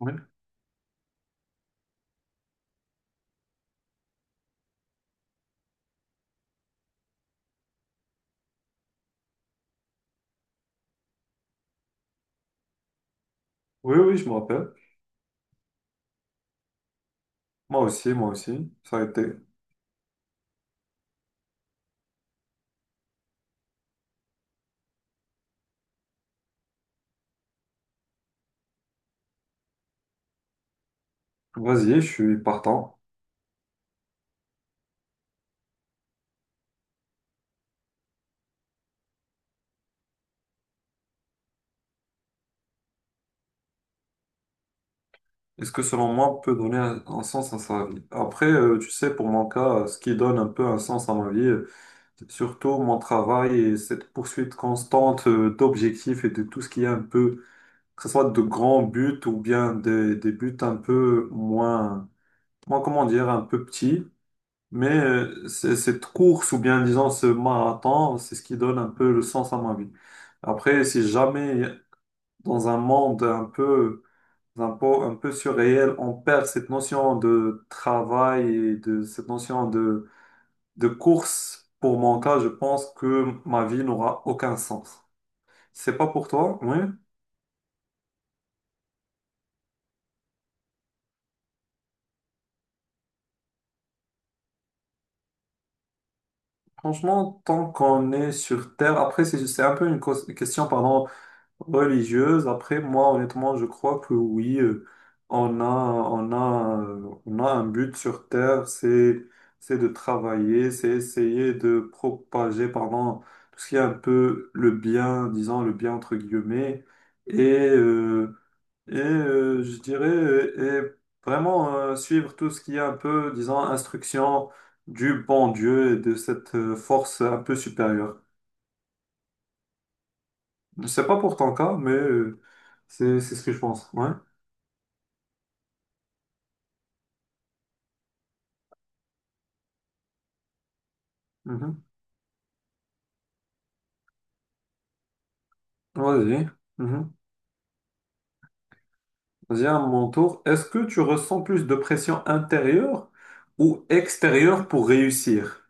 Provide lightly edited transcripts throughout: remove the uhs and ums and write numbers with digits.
Oui, oui, je me rappelle. Moi aussi, moi aussi. Ça a été. Vas-y, je suis partant. Est-ce que selon moi, on peut donner un sens à sa vie? Après, tu sais, pour mon cas, ce qui donne un peu un sens à ma vie, c'est surtout mon travail et cette poursuite constante d'objectifs et de tout ce qui est un peu, que ce soit de grands buts ou bien des buts un peu moins, moins, comment dire, un peu petits. Mais cette course ou bien disons ce marathon, c'est ce qui donne un peu le sens à ma vie. Après, si jamais dans un monde un peu, un peu, un peu surréel, on perd cette notion de travail et de cette notion de course. Pour mon cas, je pense que ma vie n'aura aucun sens. C'est pas pour toi, oui. Franchement, tant qu'on est sur Terre, après, c'est un peu une question, pardon, religieuse. Après, moi, honnêtement, je crois que oui, on a un but sur Terre, c'est de travailler, c'est essayer de propager, pardon, tout ce qui est un peu le bien, disons le bien entre guillemets, et, euh, je dirais, et vraiment suivre tout ce qui est un peu, disons, instruction du bon Dieu et de cette force un peu supérieure. Je sais pas pour ton cas, mais c'est ce que je pense. Ouais. Mhm. Ouais, vas-y. Mhm. Vas-y, à mon tour. Est-ce que tu ressens plus de pression intérieure ou extérieure pour réussir?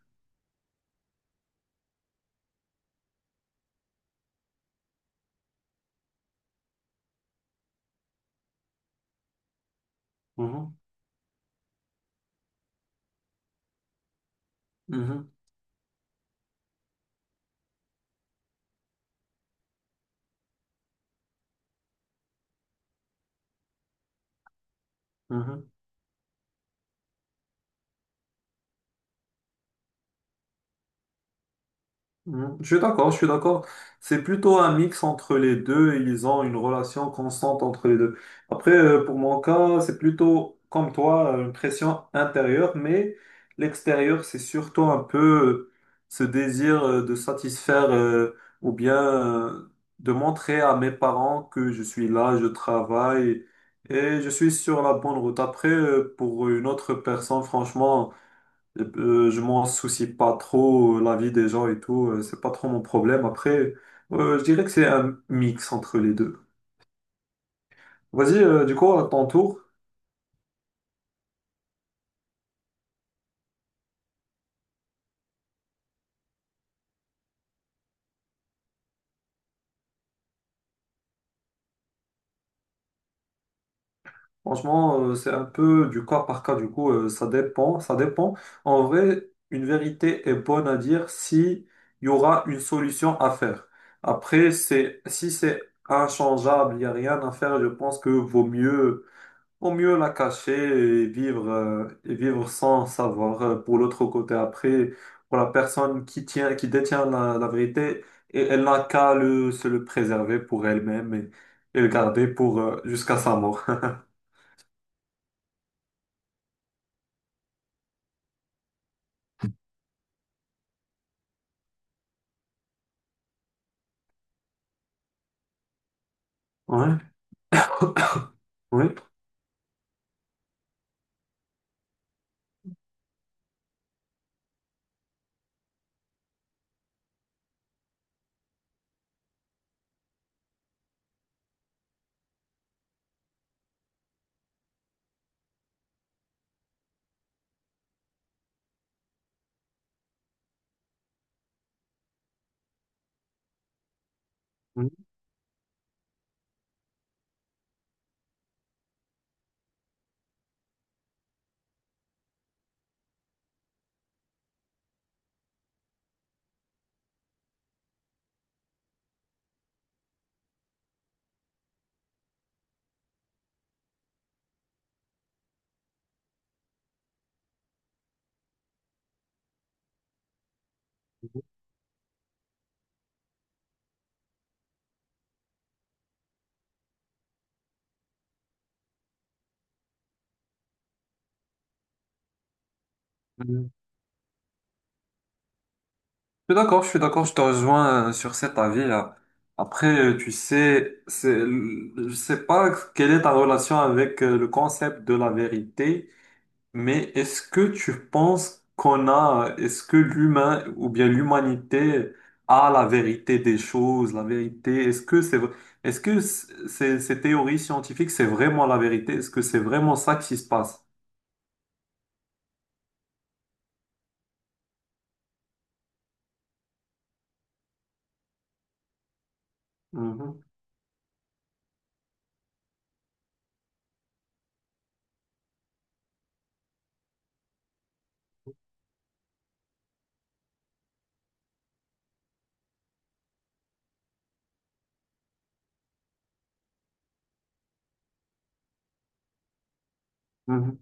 Mhm. Mhm. Mhm. Mhm. Je suis d'accord, je suis d'accord. C'est plutôt un mix entre les deux et ils ont une relation constante entre les deux. Après, pour mon cas, c'est plutôt comme toi, une pression intérieure, mais l'extérieur, c'est surtout un peu ce désir de satisfaire ou bien de montrer à mes parents que je suis là, je travaille et je suis sur la bonne route. Après, pour une autre personne, franchement… je m'en soucie pas trop, la vie des gens et tout, c'est pas trop mon problème. Après, je dirais que c'est un mix entre les deux. Vas-y, du coup, à ton tour. Franchement, c'est un peu du cas par cas, du coup, ça dépend, ça dépend. En vrai, une vérité est bonne à dire si il y aura une solution à faire. Après, c'est, si c'est inchangeable, il n'y a rien à faire, je pense que vaut mieux au mieux la cacher et vivre sans savoir pour l'autre côté. Après, pour la personne qui tient, qui détient la vérité, et elle n'a qu'à le, se le préserver pour elle-même et le garder pour, jusqu'à sa mort. Ouais, oui. Oui, oui. Je suis d'accord, je suis d'accord, je te rejoins sur cet avis-là. Après, tu sais, c'est, je sais pas quelle est ta relation avec le concept de la vérité. Mais est-ce que tu penses qu'on a, est-ce que l'humain ou bien l'humanité a la vérité des choses, la vérité, est-ce que c'est, est-ce que ces, ces théories scientifiques, c'est vraiment la vérité? Est-ce que c'est vraiment ça qui se passe? Mhm, mhm,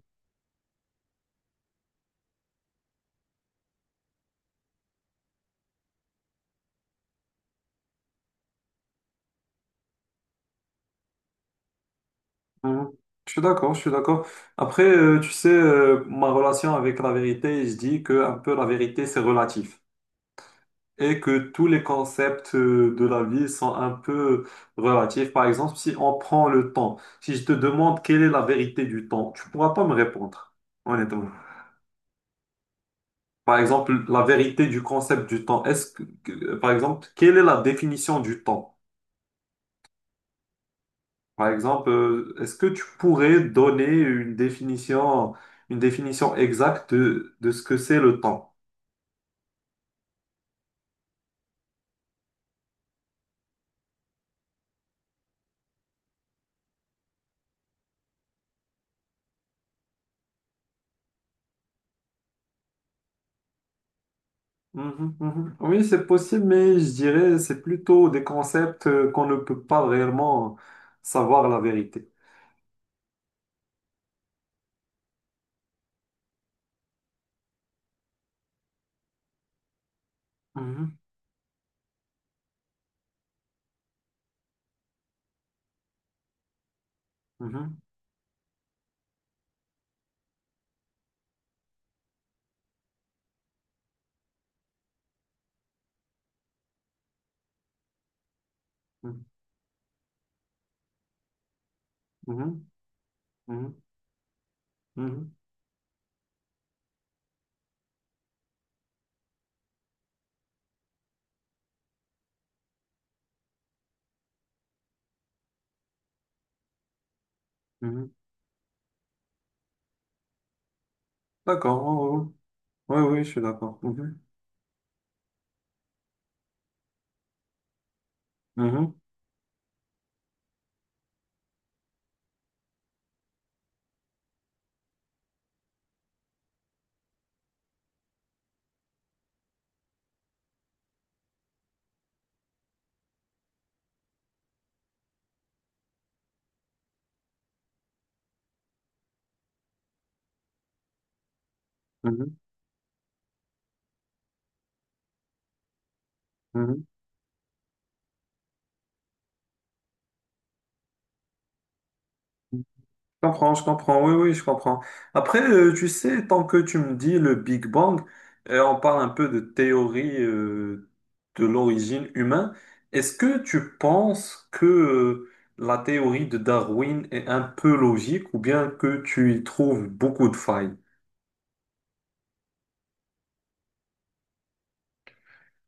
mhm. Je suis d'accord, je suis d'accord. Après, tu sais, ma relation avec la vérité, je dis que un peu la vérité, c'est relatif, et que tous les concepts de la vie sont un peu relatifs. Par exemple, si on prend le temps, si je te demande quelle est la vérité du temps, tu pourras pas me répondre, honnêtement. Par exemple, la vérité du concept du temps, est-ce que, par exemple, quelle est la définition du temps? Par exemple, est-ce que tu pourrais donner une définition exacte de ce que c'est le temps? Mhm, mhm. Oui, c'est possible, mais je dirais c'est plutôt des concepts qu'on ne peut pas réellement savoir la vérité. Mhm, mhm, mhm, mhm, mhm, mhm, mhm. D'accord. Oui, oui, oui, je suis d'accord. Mhm, mhm, mhm, mhm. Je comprends, oui, oui, je comprends. Après, tu sais, tant que tu me dis le Big Bang, on parle un peu de théorie de l'origine humaine, est-ce que tu penses que la théorie de Darwin est un peu logique ou bien que tu y trouves beaucoup de failles?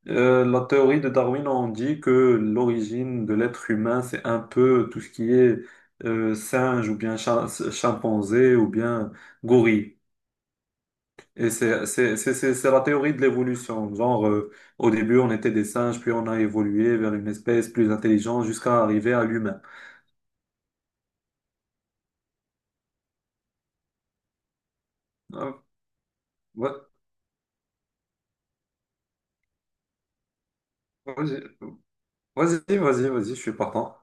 La théorie de Darwin, on dit que l'origine de l'être humain, c'est un peu tout ce qui est singe ou bien chimpanzé ou bien gorille. Et c'est la théorie de l'évolution. Genre, au début, on était des singes, puis on a évolué vers une espèce plus intelligente jusqu'à arriver à l'humain. Euh, ouais, vas-y, vas-y, vas-y, vas-y, je suis partant.